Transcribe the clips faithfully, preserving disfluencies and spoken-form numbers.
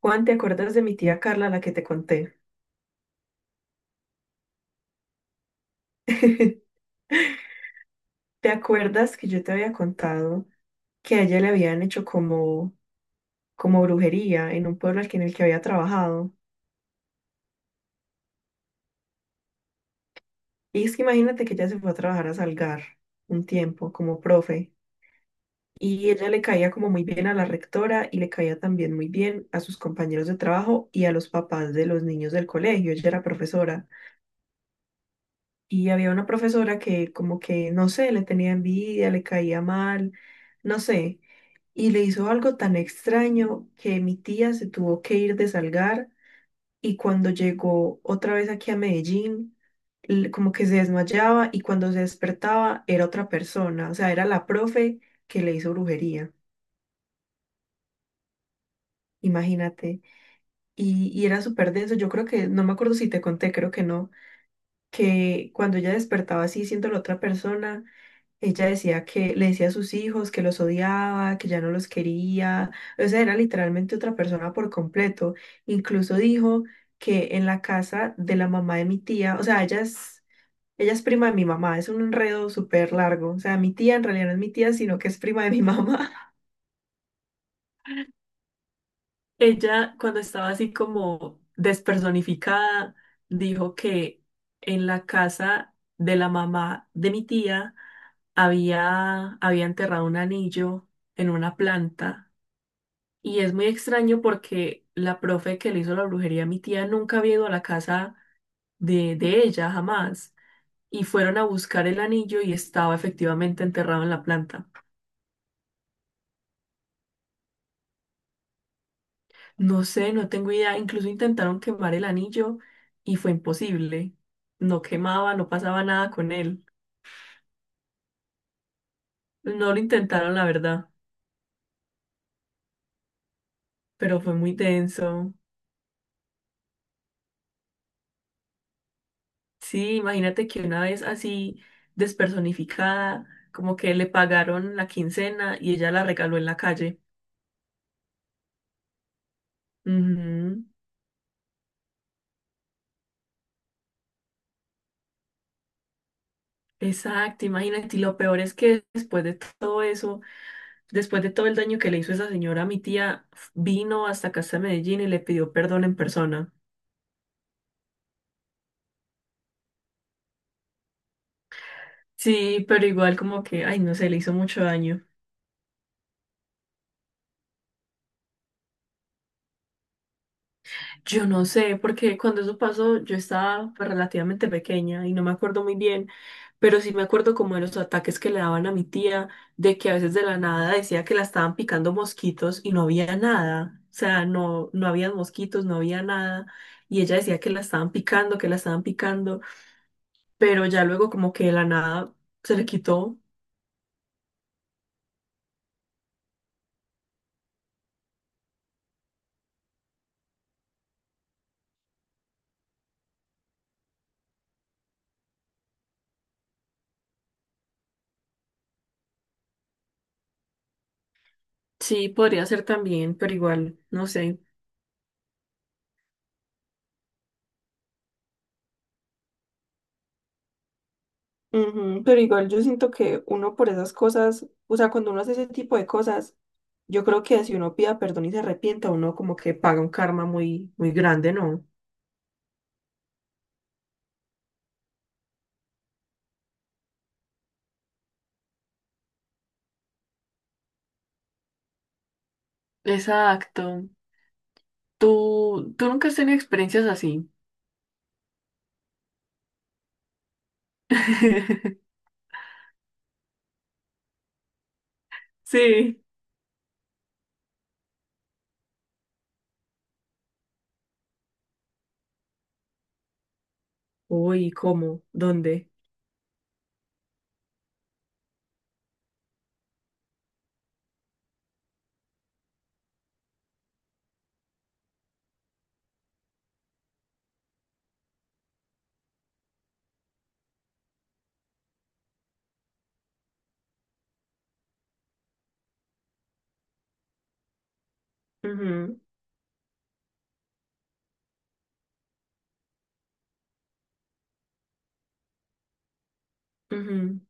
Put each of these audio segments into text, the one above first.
Juan, ¿te acuerdas de mi tía Carla, la que te conté? ¿Te acuerdas que yo te había contado que a ella le habían hecho como, como brujería en un pueblo al que- en el que había trabajado? Y es que imagínate que ella se fue a trabajar a Salgar un tiempo como profe y ella le caía como muy bien a la rectora y le caía también muy bien a sus compañeros de trabajo y a los papás de los niños del colegio. Ella era profesora y había una profesora que como que, no sé, le tenía envidia, le caía mal, no sé. Y le hizo algo tan extraño que mi tía se tuvo que ir de Salgar y cuando llegó otra vez aquí a Medellín, l- como que se desmayaba y cuando se despertaba era otra persona, o sea, era la profe que le hizo brujería, imagínate. Y, y era súper denso, yo creo que, no me acuerdo si te conté, creo que no, que cuando ella despertaba así siendo la otra persona, ella decía que le decía a sus hijos que los odiaba, que ya no los quería, o sea, era literalmente otra persona por completo. Incluso dijo que en la casa de la mamá de mi tía, o sea, ella es, ella es prima de mi mamá, es un enredo súper largo, o sea, mi tía en realidad no es mi tía, sino que es prima de mi mamá. Ella, cuando estaba así como despersonificada, dijo que en la casa de la mamá de mi tía había, había enterrado un anillo en una planta. Y es muy extraño porque la profe que le hizo la brujería a mi tía nunca había ido a la casa de, de ella, jamás. Y fueron a buscar el anillo y estaba efectivamente enterrado en la planta. No sé, no tengo idea. Incluso intentaron quemar el anillo y fue imposible. No quemaba, no pasaba nada con él. No lo intentaron, la verdad, pero fue muy denso. Sí, imagínate que una vez así despersonificada, como que le pagaron la quincena y ella la regaló en la calle. Ujú. Exacto, imagínate. Y lo peor es que después de todo eso, después de todo el daño que le hizo esa señora, mi tía vino hasta acá, hasta Medellín y le pidió perdón en persona. Sí, pero igual como que, ay, no sé, le hizo mucho daño. Yo no sé, porque cuando eso pasó yo estaba pues, relativamente pequeña y no me acuerdo muy bien, pero sí me acuerdo como de los ataques que le daban a mi tía, de que a veces de la nada decía que la estaban picando mosquitos y no había nada, o sea, no, no había mosquitos, no había nada, y ella decía que la estaban picando, que la estaban picando, pero ya luego como que de la nada se le quitó. Sí, podría ser también, pero igual, no sé. Ujú. Pero igual yo siento que uno por esas cosas, o sea, cuando uno hace ese tipo de cosas, yo creo que si uno pida perdón y se arrepienta, uno como que paga un karma muy, muy grande, ¿no? Exacto. ¿Tú, tú nunca has tenido experiencias así? Sí. Uy, ¿cómo? ¿Dónde? Ujú,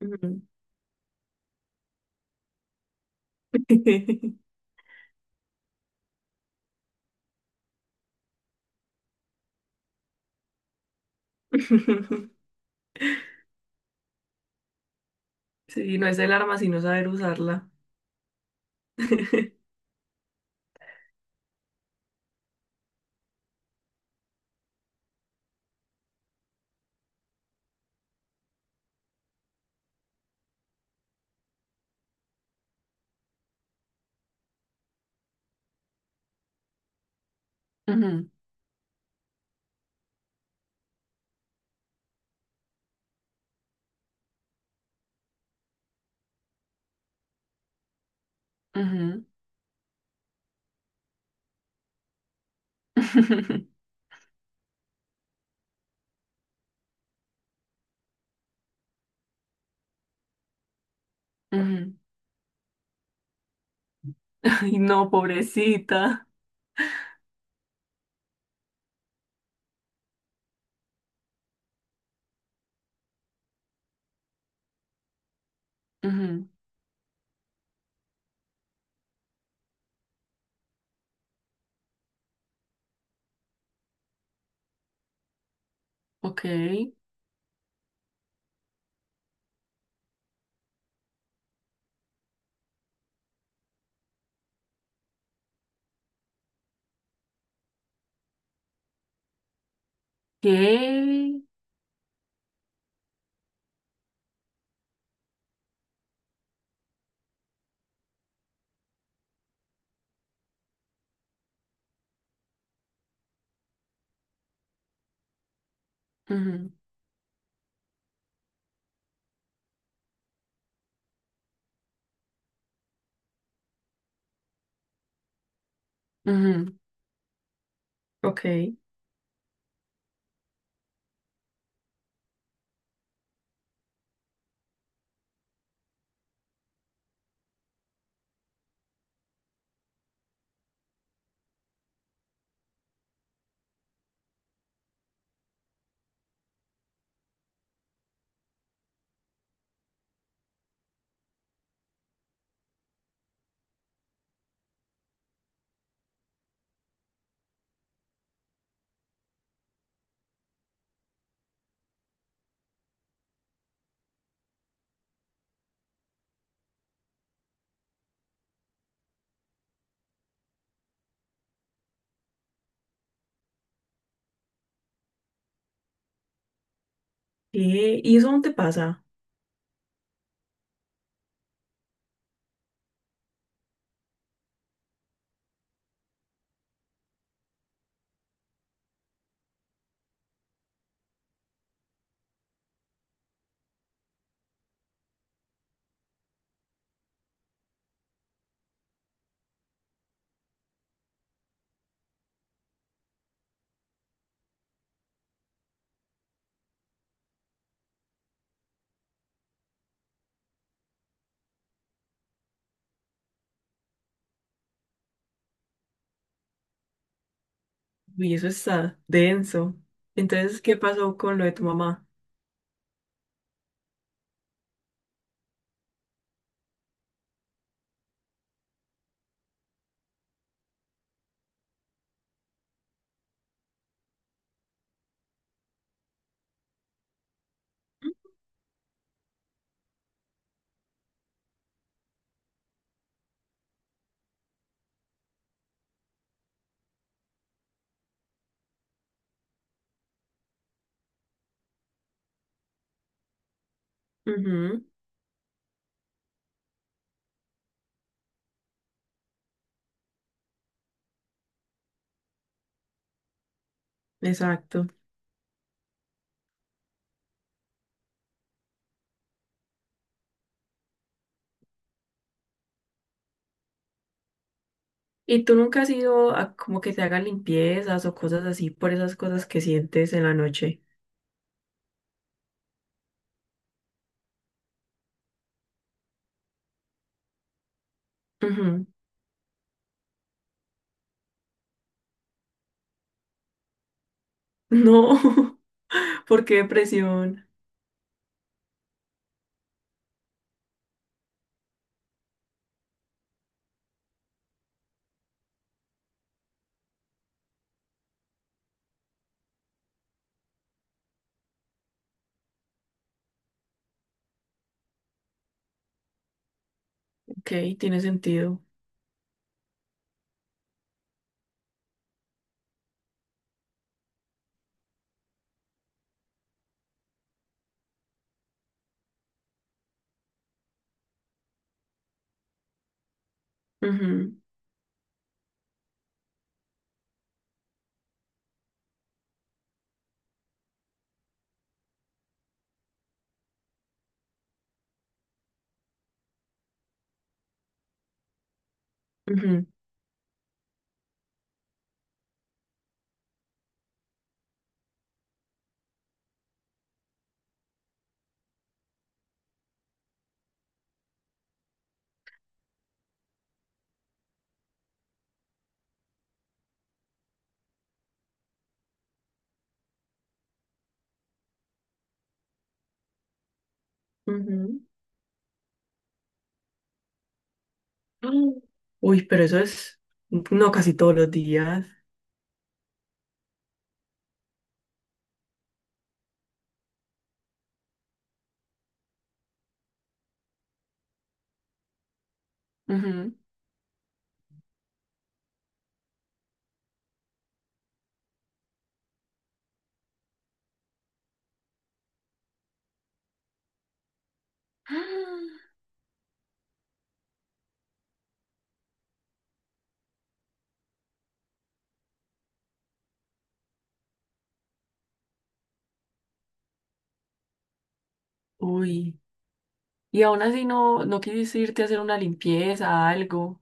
ujú, ujú. Sí, no es el arma sino saber usarla. Ujú, ujú, ujú. Ay, no, pobrecita. Ujú. Ok. ¿Qué? Ujú, ujú, Ok. ¿Qué? ¿Y eso dónde pasa? Uy, eso está denso. Entonces, ¿qué pasó con lo de tu mamá? Ujú. Exacto. ¿Y tú nunca has ido a como que te hagan limpiezas o cosas así por esas cosas que sientes en la noche? Ujú. No. ¿Por qué depresión? Ok, tiene sentido. Ujú, ujú, ujú. Mm. Uy, pero eso es, no, casi todos los días. ¡Ah! Uy, y aún así no, no quisiste irte a hacer una limpieza, algo.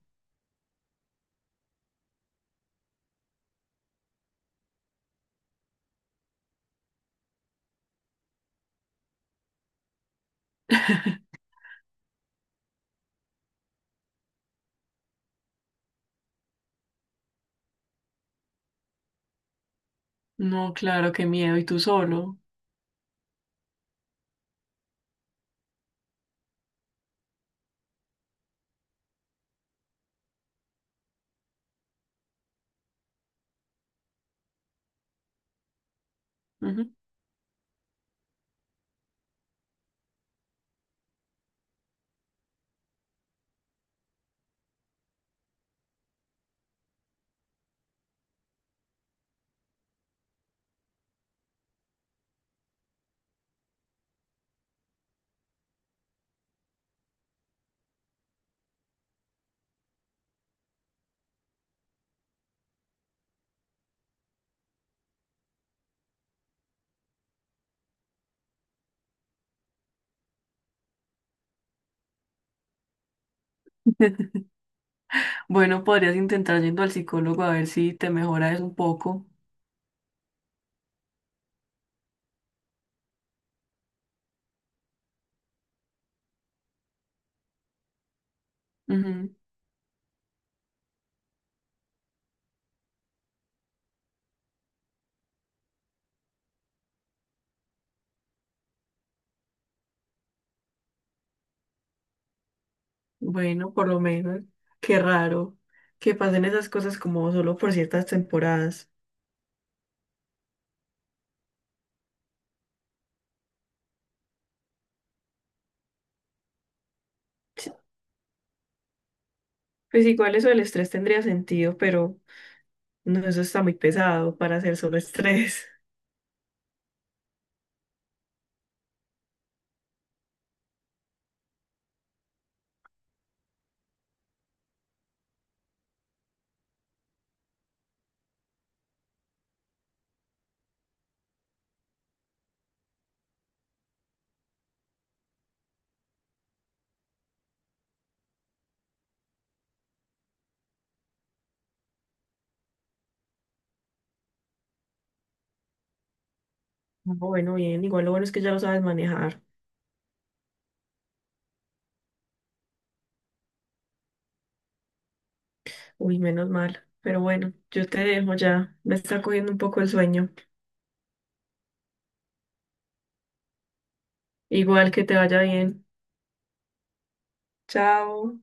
No, claro, qué miedo, y tú solo. Ujú. Bueno, podrías intentar yendo al psicólogo a ver si te mejora un poco. Ujú. Bueno, por lo menos. Qué raro que pasen esas cosas como solo por ciertas temporadas. Sí, pues igual eso del estrés tendría sentido, pero no, eso está muy pesado para hacer solo estrés. Bueno, bien, igual lo bueno es que ya lo sabes manejar. Uy, menos mal. Pero bueno, yo te dejo ya. Me está cogiendo un poco el sueño. Igual que te vaya bien. Chao.